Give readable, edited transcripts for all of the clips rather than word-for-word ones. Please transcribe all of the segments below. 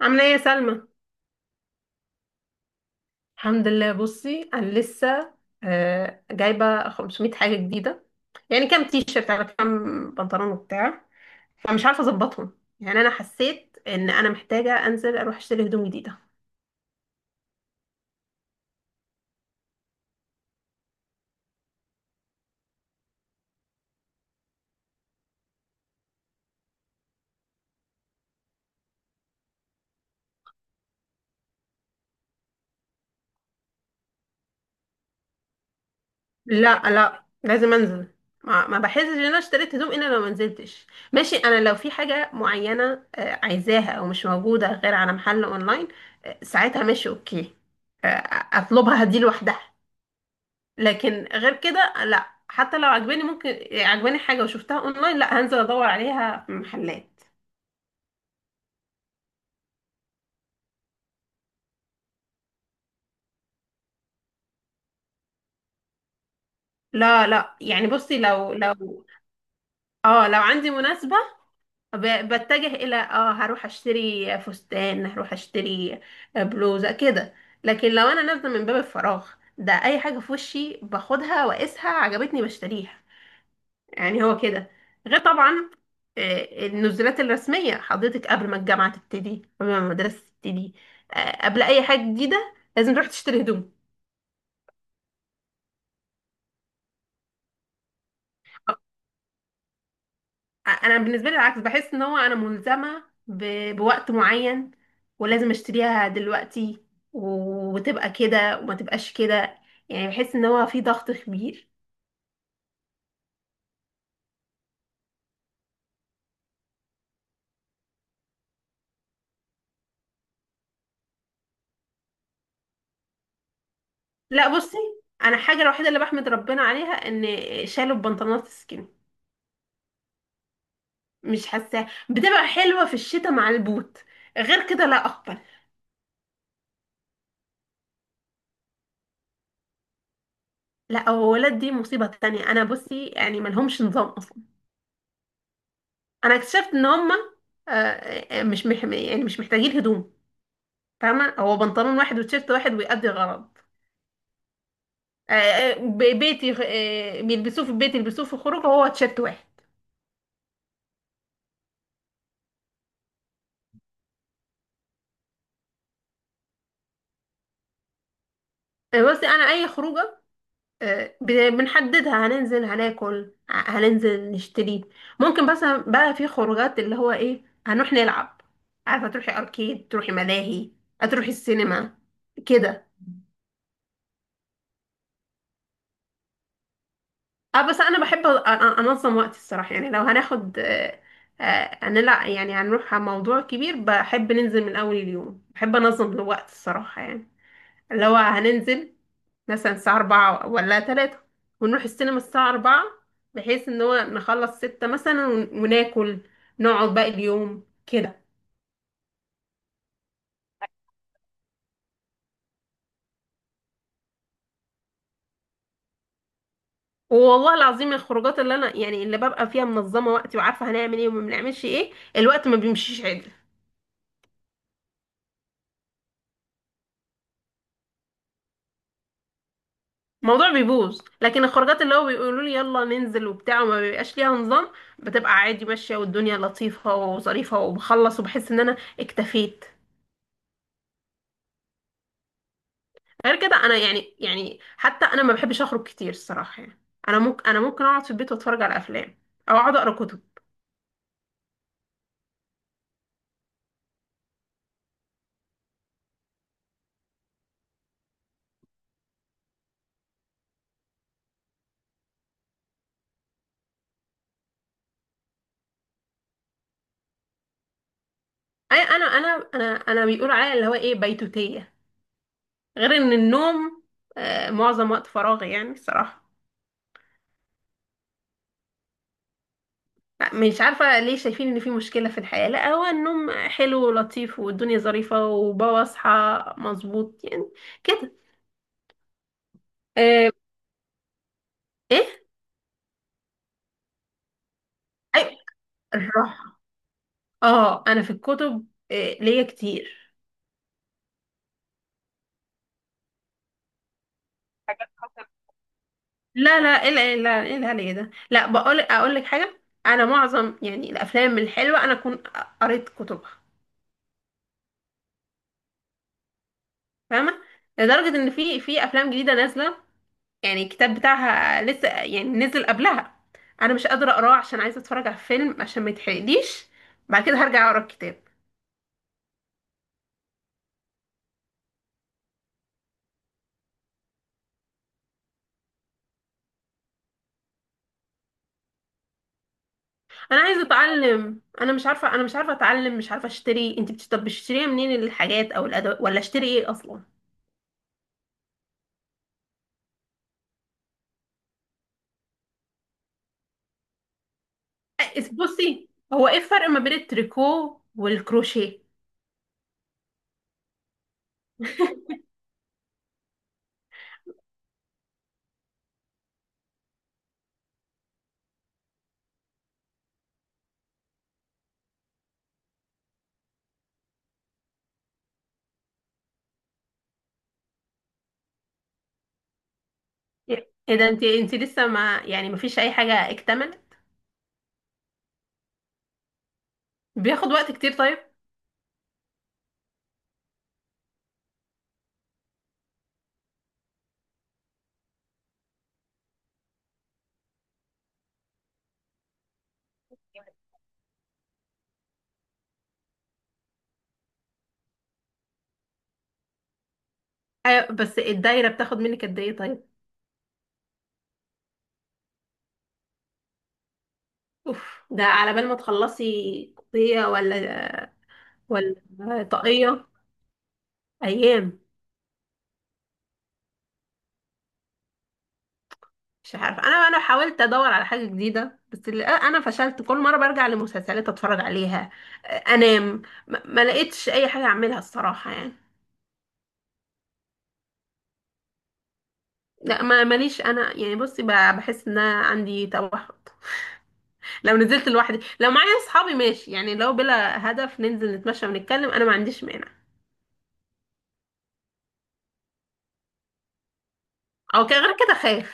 عاملة ايه يا سلمى؟ الحمد لله. بصي انا لسه جايبة 500 حاجة جديدة، يعني كام تيشيرت على كام بنطلون وبتاع، فمش عارفة اظبطهم. يعني انا حسيت ان انا محتاجة انزل اروح اشتري هدوم جديدة. لا لا، لازم انزل. ما بحسش ان انا اشتريت هدوم الا لو ما نزلتش. ماشي، انا لو في حاجة معينة عايزاها او مش موجودة غير على محل اونلاين، ساعتها ماشي، اوكي. اطلبها دي لوحدها. لكن غير كده لا. حتى لو عجباني، ممكن عجباني حاجة وشفتها اونلاين لا، هنزل ادور عليها في محلات. لا لا يعني بصي، لو اه لو عندي مناسبة، بتجه الى هروح اشتري فستان، هروح اشتري بلوزة كده. لكن لو انا نازلة من باب الفراغ ده، اي حاجة في وشي باخدها واقيسها، عجبتني بشتريها. يعني هو كده. غير طبعا النزولات الرسمية حضرتك، قبل ما الجامعة تبتدي، قبل ما المدرسة تبتدي، قبل أي حاجة جديدة لازم تروح تشتري هدوم. أنا بالنسبة لي العكس. بحس إن هو أنا ملزمة بوقت معين، ولازم أشتريها دلوقتي و- وتبقى كده وما تبقاش كده. يعني بحس إن هو في ضغط كبير. لا بصي، أنا الحاجة الوحيدة اللي بحمد ربنا عليها إن شالوا البنطلونات السكين. مش حاساه بتبقى حلوة في الشتاء مع البوت. غير كده لا أقبل. لا، هو ولاد دي مصيبة تانية. أنا بصي يعني ملهمش نظام أصلا. أنا اكتشفت إن هما مش مح يعني مش محتاجين هدوم. فاهمة، هو بنطلون واحد وتيشيرت واحد ويأدي الغرض. بيتي، بيلبسوه في البيت، يلبسوه في الخروج. هو تيشيرت واحد. بصي، أنا أي خروجة بنحددها، هننزل هناكل، هننزل نشتري. ممكن بس بقى في خروجات اللي هو ايه، هنروح نلعب، عارفه تروحي اركيد، تروحي ملاهي، هتروحي السينما كده. اه، بس انا بحب انظم وقتي الصراحه. يعني لو هناخد آه، آه، هنلع يعني هنروح على موضوع كبير، بحب ننزل من اول اليوم، بحب انظم الوقت الصراحه يعني. اللي هو هننزل مثلا الساعة أربعة ولا تلاتة، ونروح السينما الساعة أربعة، بحيث إن هو نخلص ستة مثلا ون- وناكل، نقعد باقي اليوم كده. والله العظيم، الخروجات اللي أنا يعني اللي ببقى فيها منظمة وقتي وعارفة هنعمل إيه وما بنعملش إيه، الوقت ما بيمشيش عدل. الموضوع بيبوظ. لكن الخروجات اللي هو بيقولوا لي يلا ننزل وبتاع، وما بيبقاش ليها نظام، بتبقى عادي ماشية، والدنيا لطيفة وظريفة، وبخلص وبحس إن أنا اكتفيت. غير كده انا يعني حتى انا ما بحبش اخرج كتير الصراحه يعني. انا ممكن اقعد في البيت واتفرج على افلام، او اقعد اقرا كتب. اي انا انا انا انا بيقولوا عليا اللي هو ايه، بيتوتيه. غير ان النوم معظم وقت فراغي يعني الصراحه. لا، مش عارفه ليه شايفين ان في مشكله في الحياه. لا، هو النوم حلو ولطيف والدنيا ظريفه، وبصحى مظبوط يعني كده. آه. ايه؟ اي. الراحه. اه، انا في الكتب ليا كتير. حاجات. لا لا. ايه ال- إيه ال- إيه الهري ده؟ لا، اقول لك حاجه. انا معظم يعني الافلام الحلوه انا اكون قريت كتبها. فاهمه؟ لدرجه ان في افلام جديده نازله، يعني الكتاب بتاعها لسه يعني نزل قبلها، انا مش قادره اقراه عشان عايزه اتفرج على الفيلم عشان ما يتحرقليش. بعد كده هرجع اقرا الكتاب. انا عايزه اتعلم. انا مش عارفه اتعلم، مش عارفه اشتري. طب بتشتريها منين الحاجات او الادوات؟ ولا اشتري ايه اصلا؟ بصي، هو ايه الفرق ما بين التريكو والكروشيه؟ ايه ده، انت لسه ما يعني ما فيش اي حاجه اكتملت؟ بياخد وقت كتير طيب. أيوة، بس الدايره بتاخد منك قد ايه طيب؟ اوف، ده على بال ما تخلصي قضيه، ولا طاقيه، ايام. مش عارفه، انا حاولت ادور على حاجه جديده، بس انا فشلت. كل مره برجع لمسلسلات اتفرج عليها، آه، انام. ما لقيتش اي حاجه اعملها الصراحه يعني. لا، ما ماليش. انا يعني بصي بحس ان انا عندي توحد. لو نزلت لوحدي. لو معايا اصحابي ماشي، يعني لو بلا هدف ننزل نتمشى ونتكلم انا ما عنديش مانع. او كده، غير كده خايف،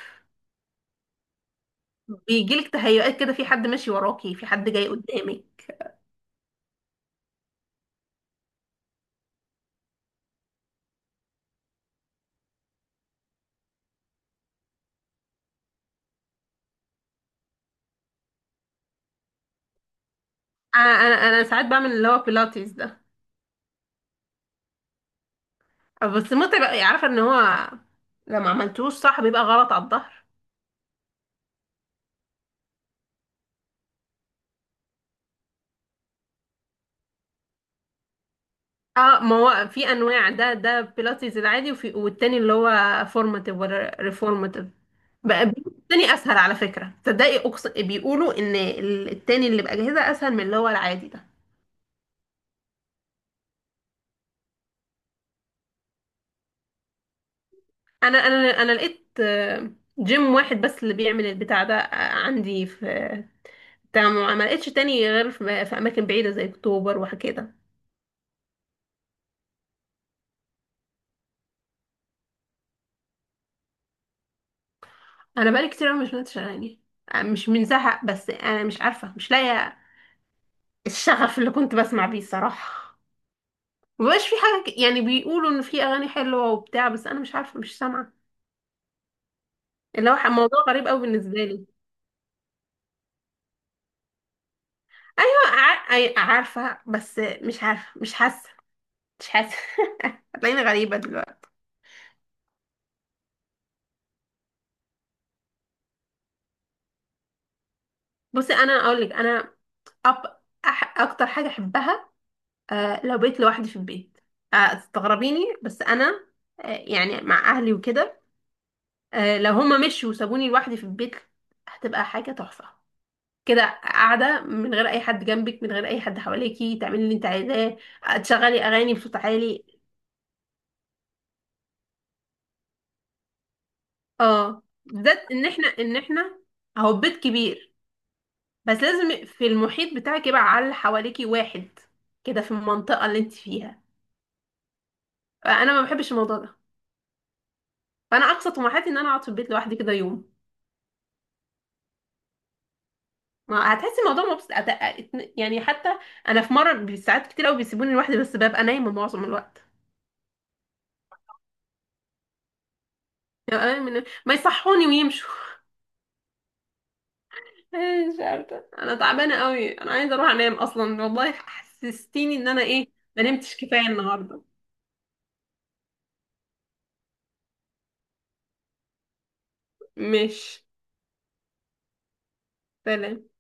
بيجيلك تهيؤات كده، في حد ماشي وراكي، في حد جاي قدامي. انا انا ساعات بعمل اللي هو بيلاتيز ده. بس متعب أوي. عارفه ان هو لما عملتوش صح بيبقى غلط على الظهر. اه، ما هو في انواع، ده بيلاتيز العادي، وفي والتاني اللي هو فورماتيف ولا ريفورماتيف. بقى بيقولوا التاني اسهل على فكره، تصدقي؟ بيقولوا ان التاني اللي باجهزه اسهل من اللي هو العادي ده. انا انا لقيت جيم واحد بس اللي بيعمل البتاع ده عندي في، تمام. ما لقيتش تاني غير في اماكن بعيده زي اكتوبر وكده. انا بقالي كتير أوي مش بنتش اغاني، مش من زهق، بس انا مش عارفه، مش لاقيه الشغف اللي كنت بسمع بيه الصراحه. مبقاش في حاجه يعني بيقولوا ان في اغاني حلوه وبتاع، بس انا مش عارفه، مش سامعه. اللي هو موضوع غريب أوي بالنسبه لي. ايوه عارفه، بس مش عارفه مش حاسه. مش حاسه هتلاقيني غريبه دلوقتي. بصي، انا اقول لك، انا أب... اكتر حاجه احبها، لو بقيت لوحدي في البيت، تستغربيني، بس انا يعني مع اهلي وكده، لو هما مشوا وسابوني لوحدي في البيت هتبقى حاجه تحفه. كده قاعده من غير اي حد جنبك، من غير اي حد حواليكي، تعملي اللي انت عايزاه. تشغلي اغاني بصوت عالي. اه، بالذات ان احنا اهو بيت كبير. بس لازم في المحيط بتاعك يبقى على اللي حواليكي واحد كده، في المنطقه اللي انت فيها. انا ما بحبش الموضوع ده. فانا اقصى طموحاتي ان انا اقعد في البيت لوحدي كده يوم. ما هتحسي الموضوع مبسط يعني حتى انا في مره ساعات كتير قوي بيسيبوني لوحدي بس ببقى نايمه معظم الوقت. ما يصحوني ويمشوا. مش عارفه، انا تعبانه قوي، انا عايزه اروح انام اصلا. والله حسستيني ان انا ايه، ما نمتش كفايه النهارده. مش سلام.